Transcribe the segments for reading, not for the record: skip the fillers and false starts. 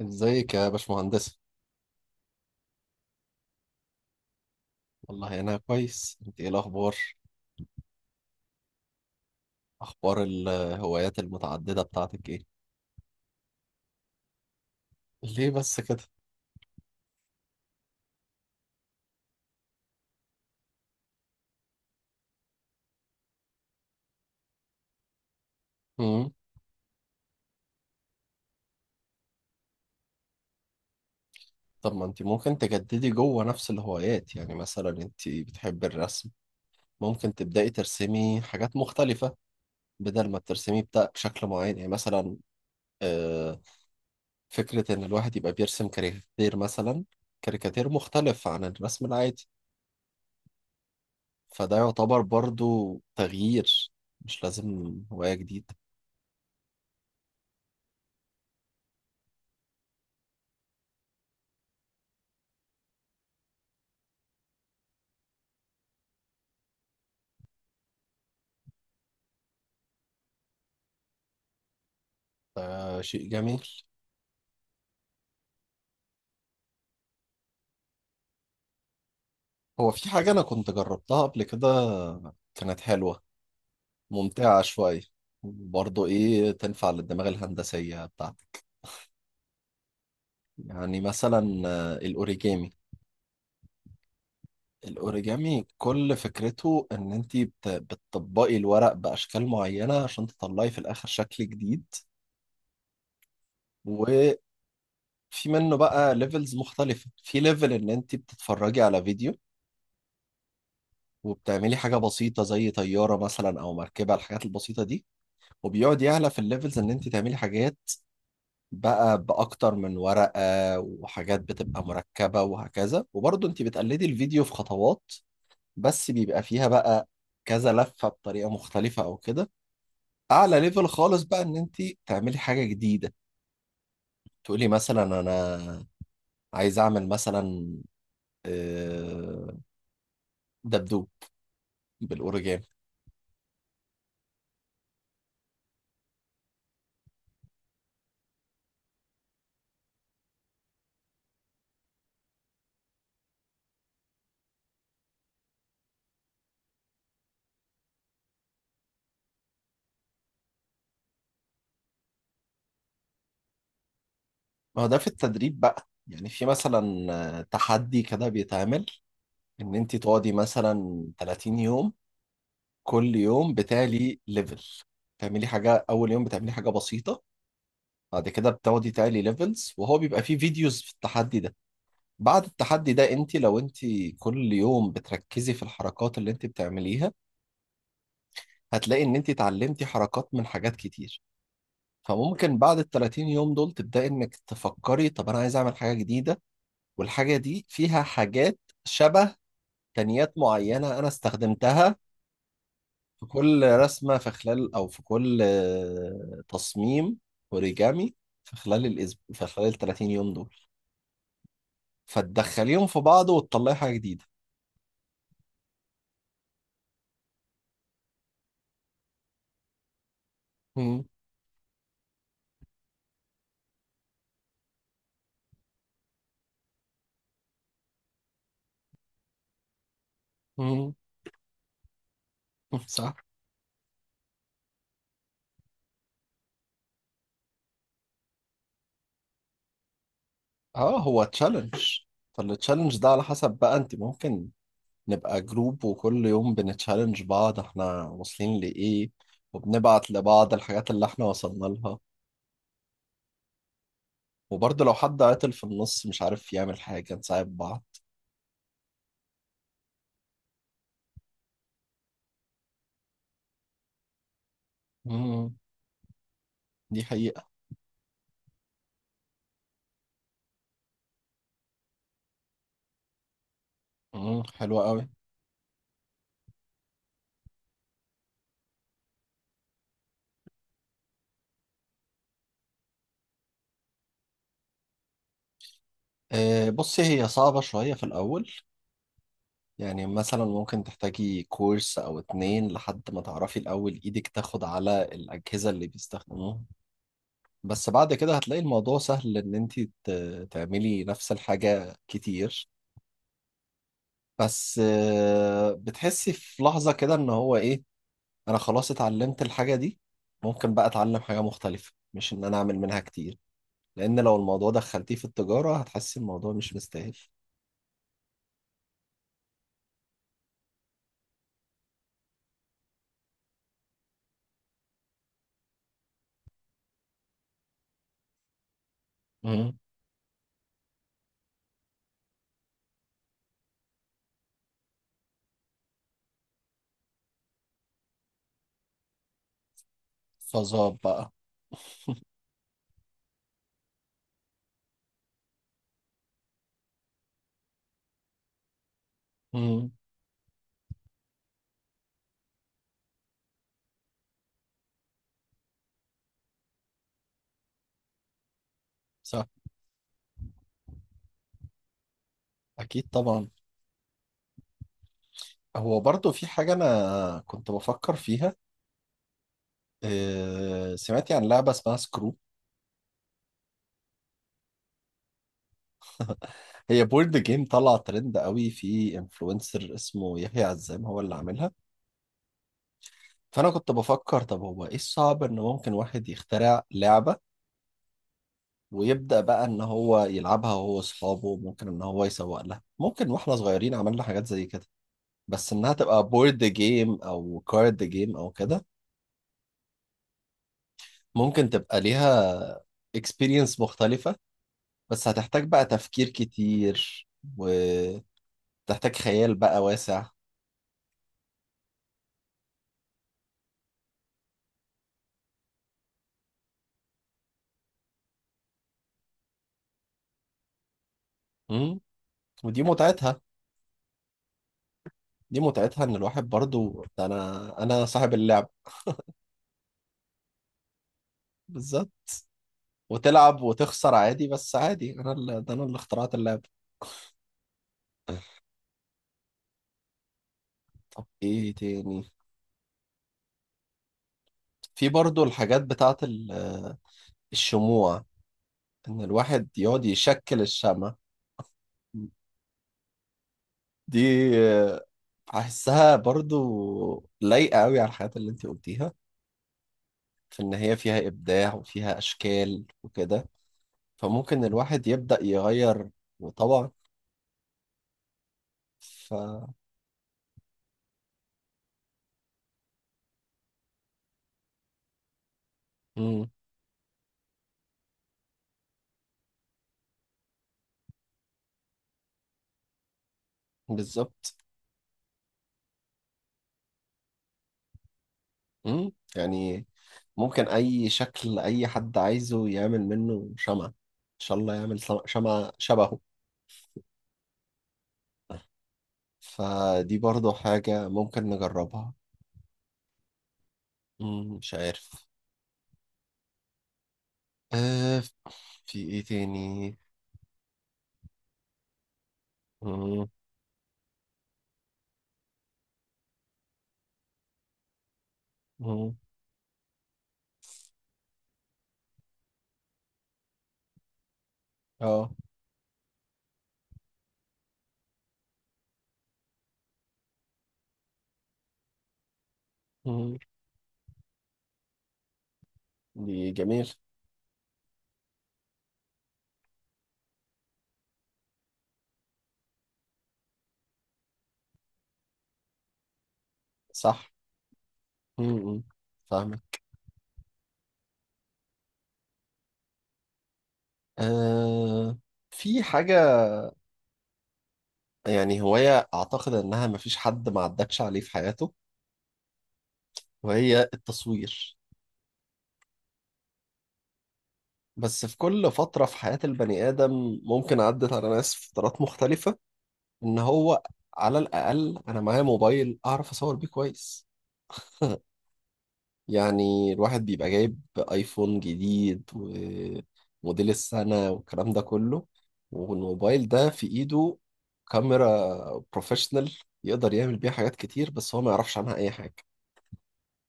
ازيك يا باشمهندسة؟ والله انا كويس، انت ايه الاخبار؟ اخبار الهوايات المتعددة بتاعتك ايه؟ ليه بس كده؟ امم طب ما انت ممكن تجددي جوه نفس الهوايات، يعني مثلا انت بتحبي الرسم، ممكن تبدأي ترسمي حاجات مختلفة. بدل ما ترسمي بشكل معين، يعني مثلا آه، فكرة ان الواحد يبقى بيرسم كاريكاتير مثلا، كاريكاتير مختلف عن الرسم العادي. فده يعتبر برضو تغيير، مش لازم هواية جديدة. آه، شيء جميل. هو في حاجة أنا كنت جربتها قبل كده، كانت حلوة، ممتعة شوية. برضه إيه تنفع للدماغ الهندسية بتاعتك؟ يعني مثلا الأوريجامي. الأوريجامي كل فكرته إن أنت بتطبقي الورق بأشكال معينة عشان تطلعي في الآخر شكل جديد. وفي منه بقى ليفلز مختلفة، في ليفل إن أنت بتتفرجي على فيديو وبتعملي حاجة بسيطة زي طيارة مثلا أو مركبة، الحاجات البسيطة دي. وبيقعد يعلى في الليفلز ان انت تعملي حاجات بقى باكتر من ورقة، وحاجات بتبقى مركبة وهكذا، وبرضه انت بتقلدي الفيديو في خطوات، بس بيبقى فيها بقى كذا لفة بطريقة مختلفة او كده. اعلى ليفل خالص بقى ان انت تعملي حاجة جديدة، تقولي مثلا انا عايز اعمل مثلا آه، دبدوب بالاوريجامي. ما هو ده في التدريب بقى، يعني في مثلا تحدي كده بيتعمل ان انت تقعدي مثلا 30 يوم، كل يوم بتعلي ليفل، تعملي حاجة. أول يوم بتعملي حاجة بسيطة، بعد كده بتقعدي تعلي ليفلز، وهو بيبقى فيه فيديوز في التحدي ده. بعد التحدي ده انت لو انت كل يوم بتركزي في الحركات اللي انت بتعمليها، هتلاقي ان انت اتعلمتي حركات من حاجات كتير. فممكن بعد ال 30 يوم دول تبدأي انك تفكري طب انا عايز اعمل حاجة جديدة، والحاجة دي فيها حاجات شبه تقنيات معينة انا استخدمتها في كل رسمة، في خلال أو في كل تصميم أوريجامي، في خلال الأسبوع، في خلال ال 30 يوم دول، فتدخليهم في بعض وتطلعي حاجة جديدة. مم. مم. صح. اه، هو تشالنج، فالتشالنج ده على حسب بقى، انت ممكن نبقى جروب وكل يوم بنتشالنج بعض احنا واصلين لإيه، وبنبعت لبعض الحاجات اللي احنا وصلنا لها، وبرضه لو حد عطل في النص مش عارف يعمل حاجة نساعد بعض. مم. دي حقيقة. مم. حلوة قوي. بصي هي صعبة شوية في الأول، يعني مثلا ممكن تحتاجي كورس أو اتنين لحد ما تعرفي الأول إيدك تاخد على الأجهزة اللي بيستخدموها. بس بعد كده هتلاقي الموضوع سهل إن أنت تعملي نفس الحاجة كتير. بس بتحسي في لحظة كده إن هو إيه، أنا خلاص اتعلمت الحاجة دي، ممكن بقى أتعلم حاجة مختلفة مش إن أنا أعمل منها كتير، لأن لو الموضوع دخلتيه في التجارة هتحسي الموضوع مش مستاهل. مم. فظاب بقى. مم. صح. أكيد طبعا. هو برضه في حاجة أنا كنت بفكر فيها، سمعتي عن لعبة اسمها سكرو؟ هي بورد جيم، طلع ترند قوي، في انفلونسر اسمه يحيى عزام هو اللي عاملها. فأنا كنت بفكر طب هو إيه الصعب إن ممكن واحد يخترع لعبة ويبدأ بقى إن هو يلعبها هو وأصحابه، ممكن إن هو يسوق لها، ممكن. وإحنا صغيرين عملنا حاجات زي كده، بس إنها تبقى بورد جيم أو كارد جيم أو كده. ممكن تبقى ليها اكسبيرينس مختلفة، بس هتحتاج بقى تفكير كتير، وتحتاج خيال بقى واسع. مم. ودي متعتها، دي متعتها ان الواحد برضو، ده انا صاحب اللعب. بالظبط. وتلعب وتخسر عادي، بس عادي انا اللي ده، انا اللي اخترعت اللعب. طب ايه تاني؟ في برضو الحاجات بتاعت الشموع، ان الواحد يقعد يشكل الشمع. دي آه، احسها برضو لايقة قوي على الحاجات اللي انت قلتيها، في ان هي فيها ابداع وفيها اشكال وكده، فممكن الواحد يبدأ يغير طبعه. ف مم. بالظبط. مم. يعني ممكن أي شكل أي حد عايزه يعمل منه شمعة، إن شاء الله يعمل شمعة شبهه. فدي برضو حاجة ممكن نجربها. مم. مش عارف. آه، في إيه تاني؟ مم. مم. آه. مم. دي جميل. صح. مم. مم. فاهمك. آه، في حاجة، يعني هواية أعتقد إنها مفيش حد ما عدتش عليه في حياته، وهي التصوير. بس في كل فترة في حياة البني آدم، ممكن عدت على ناس في فترات مختلفة، إن هو على الأقل أنا معايا موبايل أعرف أصور بيه كويس. يعني الواحد بيبقى جايب آيفون جديد وموديل السنة والكلام ده كله، والموبايل ده في إيده كاميرا بروفيشنال، يقدر يعمل بيها حاجات كتير بس هو ما يعرفش عنها أي حاجة.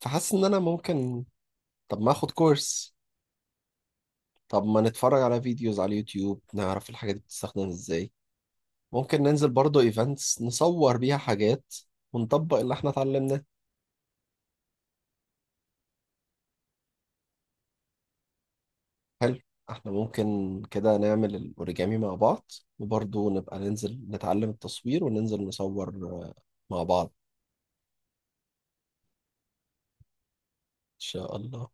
فحاسس إن أنا ممكن، طب ما اخد كورس، طب ما نتفرج على فيديوز على اليوتيوب نعرف الحاجات دي بتستخدم ازاي، ممكن ننزل برضو ايفنتس نصور بيها حاجات ونطبق اللي احنا اتعلمناه. حلو، احنا ممكن كده نعمل الاوريجامي مع بعض، وبرضو نبقى ننزل نتعلم التصوير وننزل نصور مع بعض ان شاء الله.